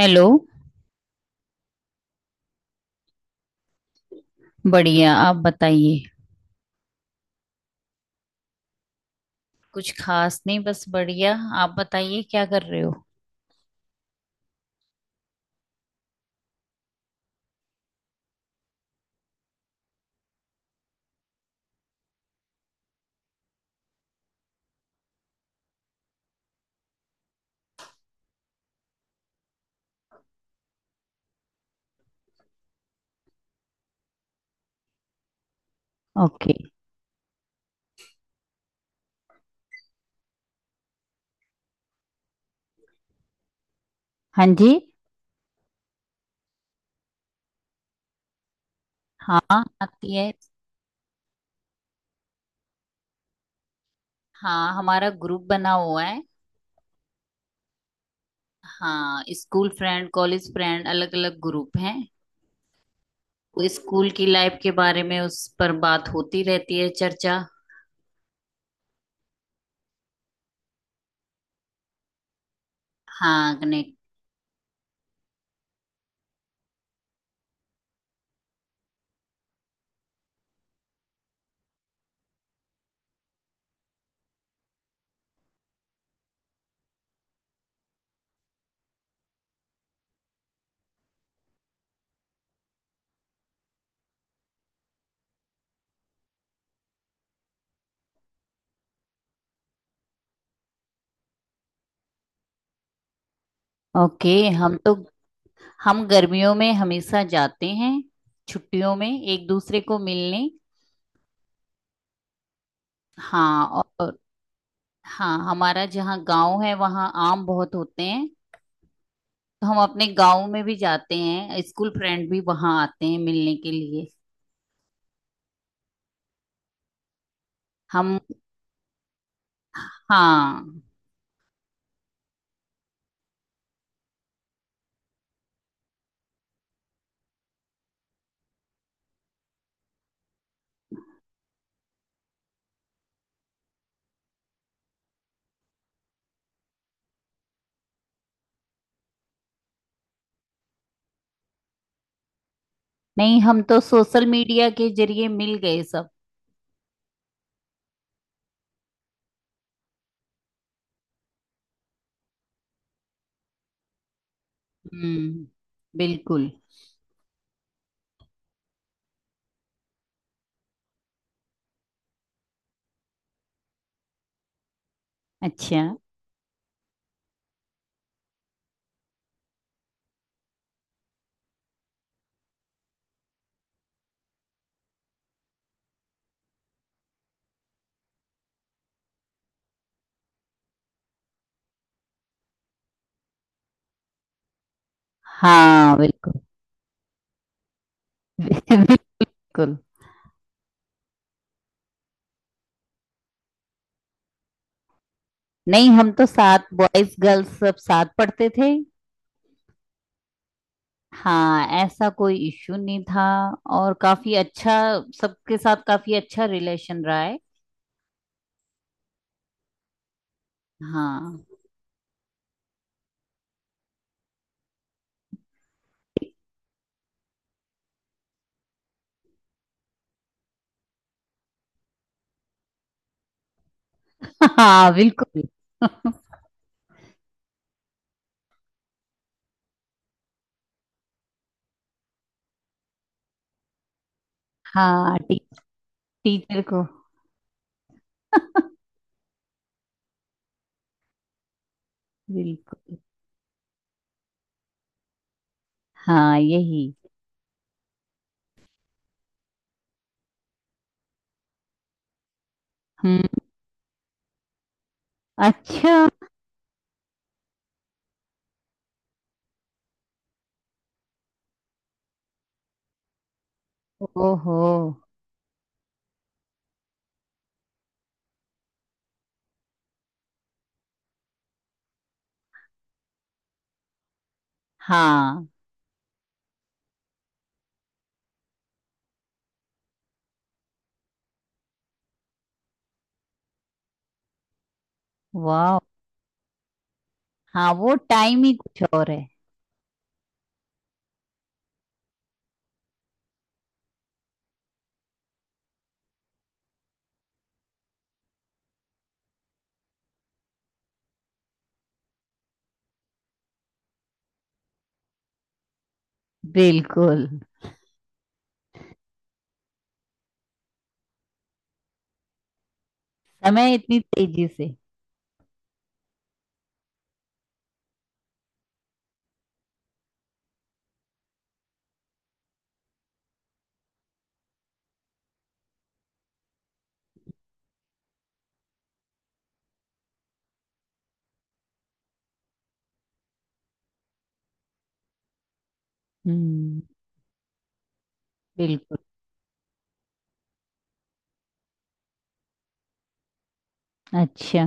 Hello. बढ़िया, आप बताइए। कुछ खास नहीं, बस बढ़िया। आप बताइए क्या कर रहे हो। ओके। हाँ जी। हाँ, आती है। हाँ, हमारा ग्रुप बना हुआ है। हाँ, स्कूल फ्रेंड, कॉलेज फ्रेंड, अलग अलग ग्रुप हैं। वो स्कूल की लाइफ के बारे में उस पर बात होती रहती है, चर्चा। हाँ, कनेक्ट। ओके। हम गर्मियों में हमेशा जाते हैं छुट्टियों में, एक दूसरे को मिलने। हाँ। और हाँ, हमारा जहाँ गांव है वहाँ आम बहुत होते हैं। तो हम अपने गांव में भी जाते हैं, स्कूल फ्रेंड भी वहाँ आते हैं मिलने के लिए। हम। हाँ। नहीं, हम तो सोशल मीडिया के जरिए मिल गए सब। हम्म। बिल्कुल। अच्छा। हाँ, बिल्कुल। बिल्कुल। नहीं, हम तो साथ बॉयज गर्ल्स सब साथ पढ़ते थे। हाँ, ऐसा कोई इश्यू नहीं था। और काफी अच्छा, सबके साथ काफी अच्छा रिलेशन रहा है। हाँ। हाँ, बिल्कुल। हाँ टी, टीचर को। बिल्कुल। हाँ, यही। हम्म। अच्छा। ओहो। हाँ। वाह। हाँ, वो टाइम ही कुछ और है। बिल्कुल। समय इतनी तेजी से। हम्म। बिल्कुल। अच्छा।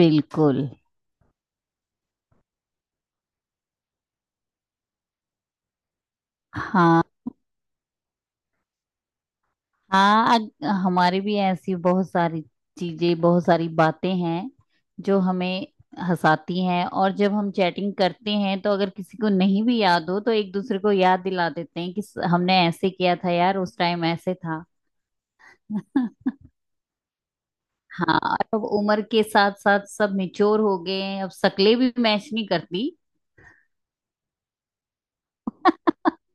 बिल्कुल। हाँ। हमारे भी ऐसी बहुत सारी चीजें, बहुत सारी बातें हैं जो हमें हंसाती हैं। और जब हम चैटिंग करते हैं तो अगर किसी को नहीं भी याद हो तो एक दूसरे को याद दिला देते हैं कि हमने ऐसे किया था यार, उस टाइम ऐसे था। हाँ, और अब उम्र के साथ साथ सब मेच्योर हो गए हैं, अब शक्लें भी मैच नहीं करती।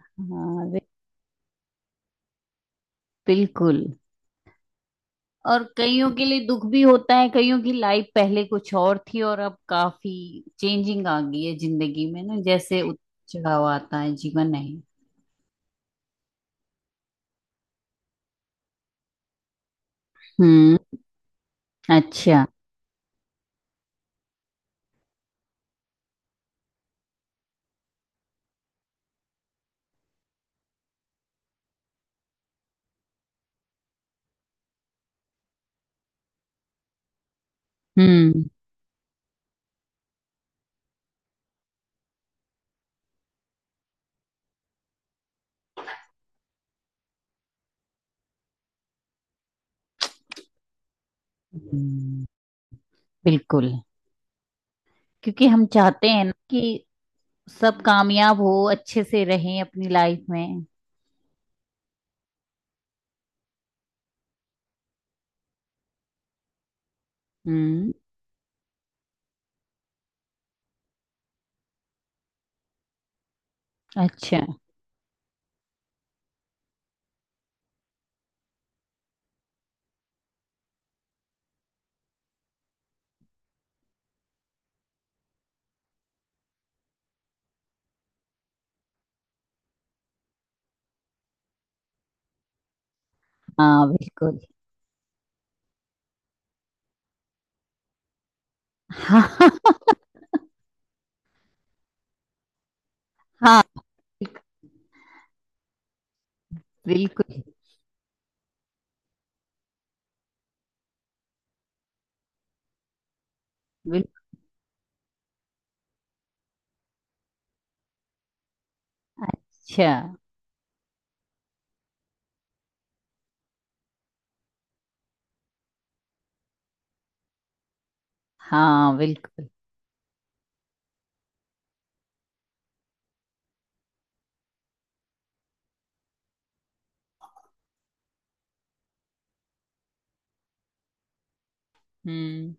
हाँ, बिल्कुल। और कईयों के लिए दुख भी होता है, कईयों की लाइफ पहले कुछ और थी और अब काफी चेंजिंग आ गई है जिंदगी में ना, जैसे उतार चढ़ाव आता है, जीवन है। हम्म। अच्छा। हम्म। हम्म, बिल्कुल। क्योंकि हम चाहते हैं ना कि सब कामयाब हो, अच्छे से रहें अपनी लाइफ में। हम्म। अच्छा। हाँ, बिल्कुल। हाँ। हाँ, बिल्कुल बिल्कुल। अच्छा। हाँ, बिल्कुल। हम्म।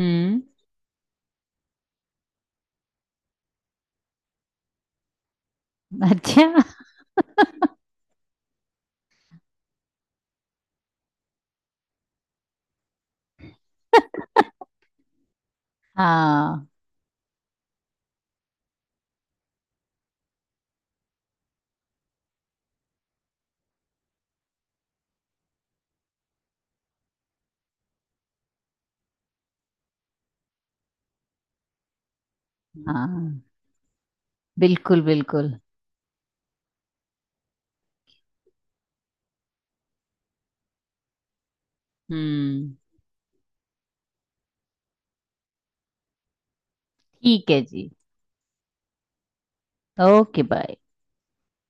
हम्म। अच्छा। हाँ। हाँ, बिल्कुल बिल्कुल। हम्म। ठीक है जी। Okay, bye.